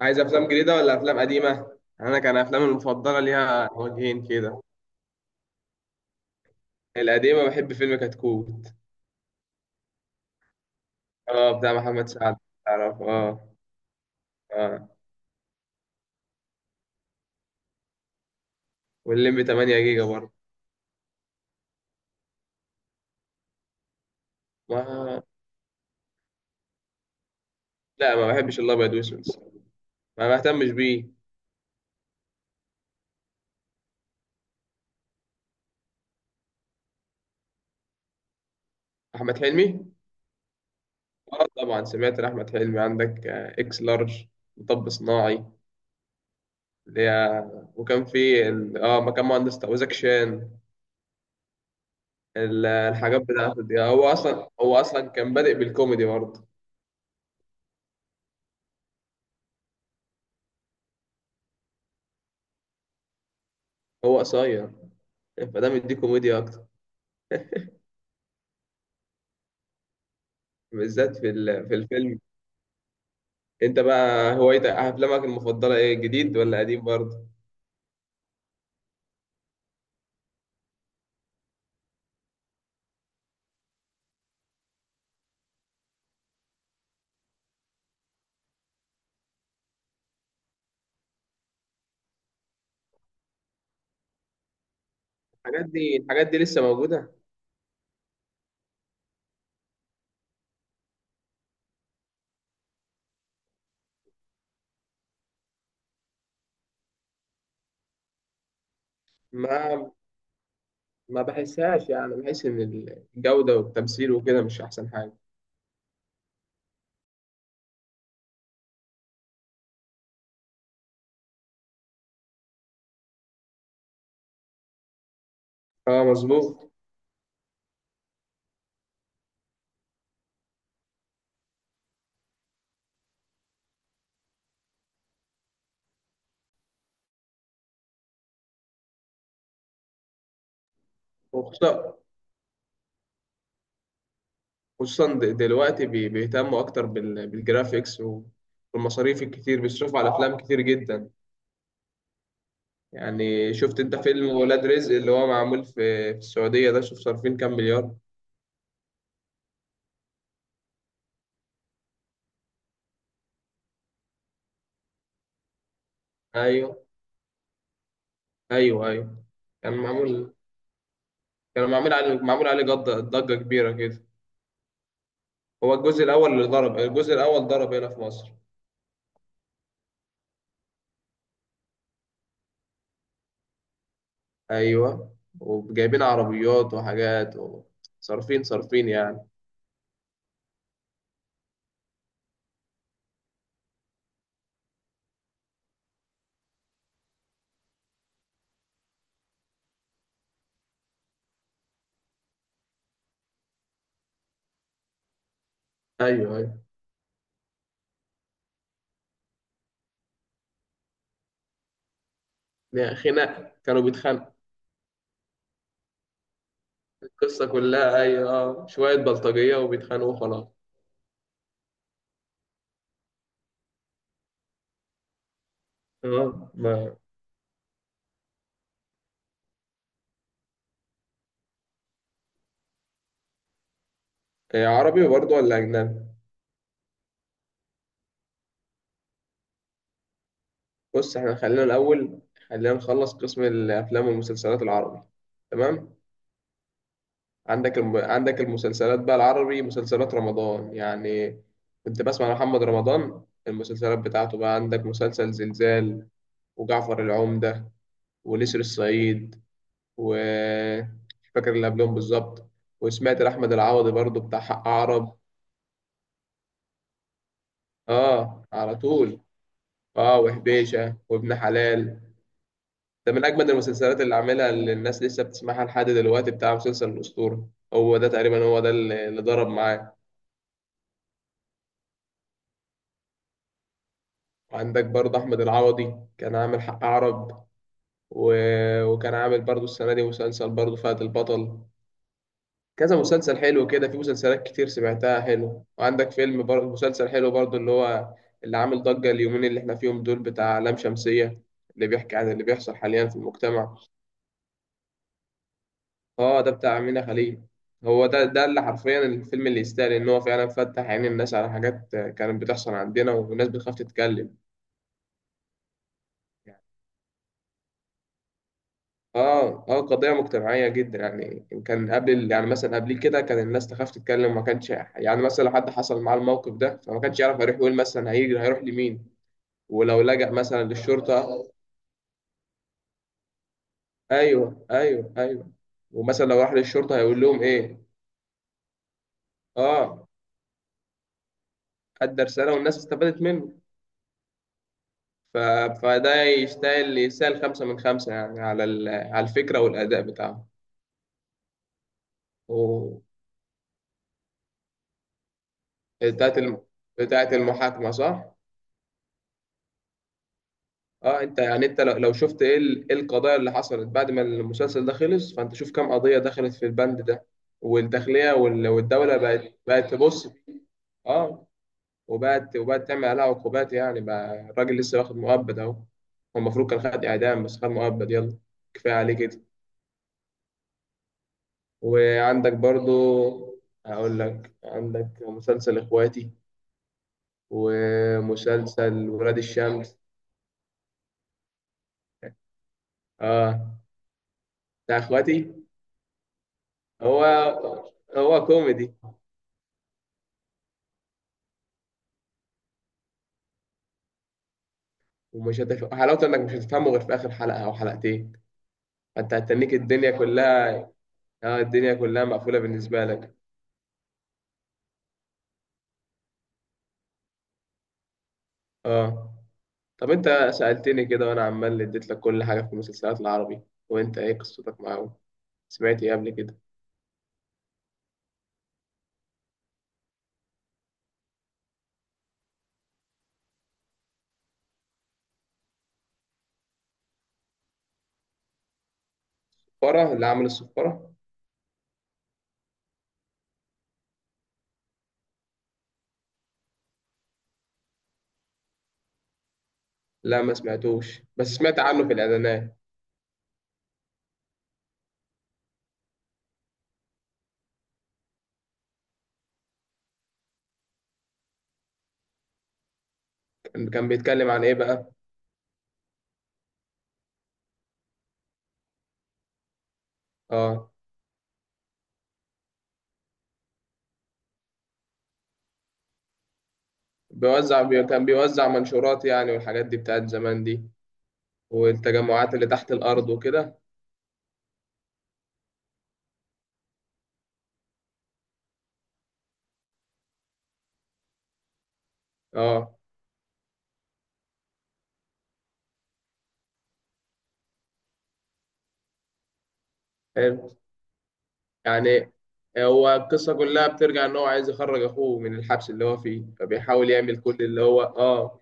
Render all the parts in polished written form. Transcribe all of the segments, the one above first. عايز افلام جديده ولا افلام قديمه؟ انا كان افلامي المفضله ليها وجهين كده. القديمه بحب فيلم كتكوت. اه، بتاع محمد سعد. تعرف اه. اه، واللمبي 8 جيجا برضه. ما لا ما بحبش الابيض واسود الصراحة. ما بهتمش بيه. احمد حلمي. اه طبعا سمعت احمد حلمي عندك اكس لارج، مطب صناعي. اللي هي، وكان في مكان مهندس وزاك شان. الحاجات بتاعته دي، هو اصلا كان بادئ بالكوميدي برضه. هو قصير فده مديه كوميديا اكتر، بالذات في الفيلم. انت بقى هوايتك افلامك المفضله ايه، جديد ولا قديم برضه؟ الحاجات دي لسه موجوده. ما ما بحسهاش، يعني بحس ان الجوده والتمثيل وكده مش احسن حاجه. اه مظبوط. وخصوصا دلوقتي بيهتموا اكتر بالجرافيكس، والمصاريف الكتير بيصرفوا على افلام كتير جدا. يعني شفت انت فيلم ولاد رزق اللي هو معمول في السعوديه ده، شوف صارفين كام مليار. ايوه، ايوه، ايوه. كان معمول كان معمول عليه ضجه كبيره كده. هو الجزء الاول اللي ضرب الجزء الاول ضرب هنا في مصر. ايوه، وجايبين عربيات وحاجات صارفين يعني. ايوه، ايوه، يعني خناق كانوا بيتخانقوا. القصه كلها، ايوه، شويه بلطجيه وبيتخانقوا خلاص. اه ما- إيه، عربي برضه ولا اجنبي؟ بص احنا خلينا الاول، خلينا نخلص قسم الافلام والمسلسلات العربي. تمام. عندك المسلسلات بقى العربي، مسلسلات رمضان يعني. كنت بسمع محمد رمضان، المسلسلات بتاعته بقى، عندك مسلسل زلزال وجعفر العمدة ونسر الصعيد، و مش فاكر اللي قبلهم بالظبط. وسمعت لأحمد العوضي برضو بتاع حق عرب. اه على طول. اه، وحبيشة وابن حلال، ده من أجمد المسلسلات اللي عاملها، اللي الناس لسه بتسمعها لحد دلوقتي بتاع مسلسل الأسطورة. هو ده تقريبا، هو ده اللي ضرب معايا. عندك برضه أحمد العوضي كان عامل حق عرب، و... وكان عامل برضه السنة دي مسلسل برضه فهد البطل. كذا مسلسل حلو كده، في مسلسلات كتير سمعتها حلو. وعندك فيلم برضه، مسلسل حلو برضه اللي هو، اللي عامل ضجة اليومين اللي احنا فيهم دول، بتاع لام شمسية، اللي بيحكي عن اللي بيحصل حاليا في المجتمع. اه، ده بتاع أمينة خليل. هو ده اللي حرفيا الفيلم اللي يستاهل ان هو فعلا فتح عين الناس على حاجات كانت بتحصل عندنا والناس بتخاف تتكلم. اه، اه، قضية مجتمعية جدا يعني. كان قبل يعني مثلا قبل كده كان الناس تخاف تتكلم، ما كانش يعني مثلا لو حد حصل معاه الموقف ده فما كانش يعرف هيروح يقول مثلا، هيجري هيروح لمين، ولو لجأ مثلا للشرطة. ايوه، ايوه، ايوه. ومثلا لو راح للشرطة هيقول لهم ايه؟ اه، ادى رسالة والناس استفادت منه. ف... فده يستاهل خمسة من خمسة يعني، على الفكرة والأداء بتاعه. و... بتاعت الم... بتاعت المحاكمة صح؟ اه، انت يعني، انت لو شفت إيه القضايا اللي حصلت بعد ما المسلسل ده خلص، فانت شوف كم قضية دخلت في البند ده. والداخلية والدولة بقت تبص. اه، وبقت تعمل عليها عقوبات. يعني بقى الراجل لسه واخد مؤبد، اهو هو المفروض كان خد اعدام بس خد مؤبد، يلا كفاية عليه كده. وعندك برضو، هقول لك عندك مسلسل اخواتي ومسلسل ولاد الشمس. اه، بتاع اخواتي. هو هو كوميدي. حلاوته انك مش هتفهمه غير في اخر حلقه او حلقتين. انت هتنيك الدنيا كلها. اه، الدنيا كلها مقفوله بالنسبه لك. اه، طب انت سالتني كده وانا عمال اديت لك كل حاجه في المسلسلات العربي، وانت ايه قصتك معاهم؟ سمعت ايه قبل كده؟ فرع اللي عمل الصفاره. لا، ما سمعتوش بس سمعت عنه في الاعلانات. كان بيتكلم عن ايه بقى؟ اه، كان بيوزع منشورات يعني، والحاجات دي بتاعت زمان دي، والتجمعات اللي تحت الارض وكده. اه يعني، هو القصة كلها بترجع إن هو عايز يخرج أخوه من الحبس اللي هو فيه، فبيحاول يعمل كل اللي هو.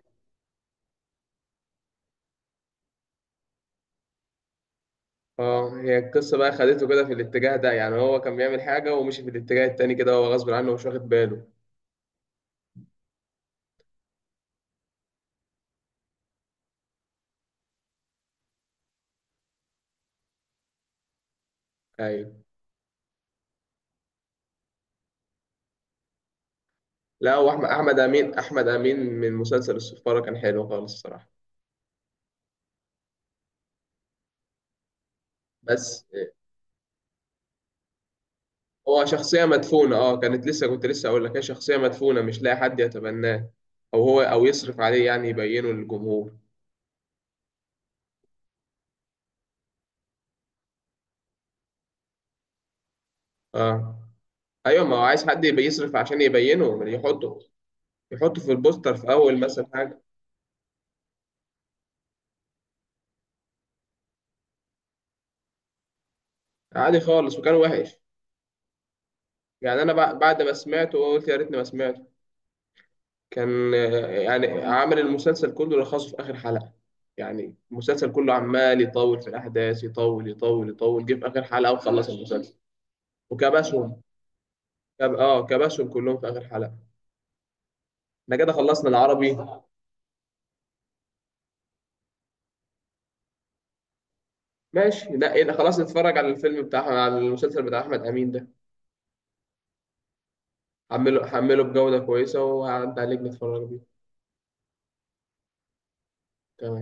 آه، هي القصة بقى خدته كده في الاتجاه ده، يعني هو كان بيعمل حاجة ومشي في الاتجاه التاني كده، هو غصب عنه ومش واخد باله. أيوة. لا، هو أحمد أمين من مسلسل السفارة كان حلو خالص الصراحة. بس هو شخصية مدفونة، كانت لسه كنت لسه أقول لك، هي شخصية مدفونة مش لاقي حد يتبناه، أو يصرف عليه، يعني يبينه للجمهور. آه. ايوه، ما هو عايز حد يبقى يصرف عشان يبينه، يحطه، يحطه في البوستر في اول مثلا حاجه. عادي خالص وكان وحش. يعني انا بعد ما سمعته قلت يا ريتني ما سمعته. كان يعني عامل المسلسل كله لخصه في اخر حلقه. يعني المسلسل كله عمال يطول في الاحداث، يطول يطول يطول، جه في اخر حلقه وخلص المسلسل. وكبسهم، كب... اه كبسهم كلهم في اخر حلقه. احنا كده خلصنا العربي. ماشي. لا إيه ده، خلاص نتفرج على الفيلم بتاع على المسلسل بتاع احمد امين ده. هحمله بجودة كويسة وهعدي عليك نتفرج بيه. تمام.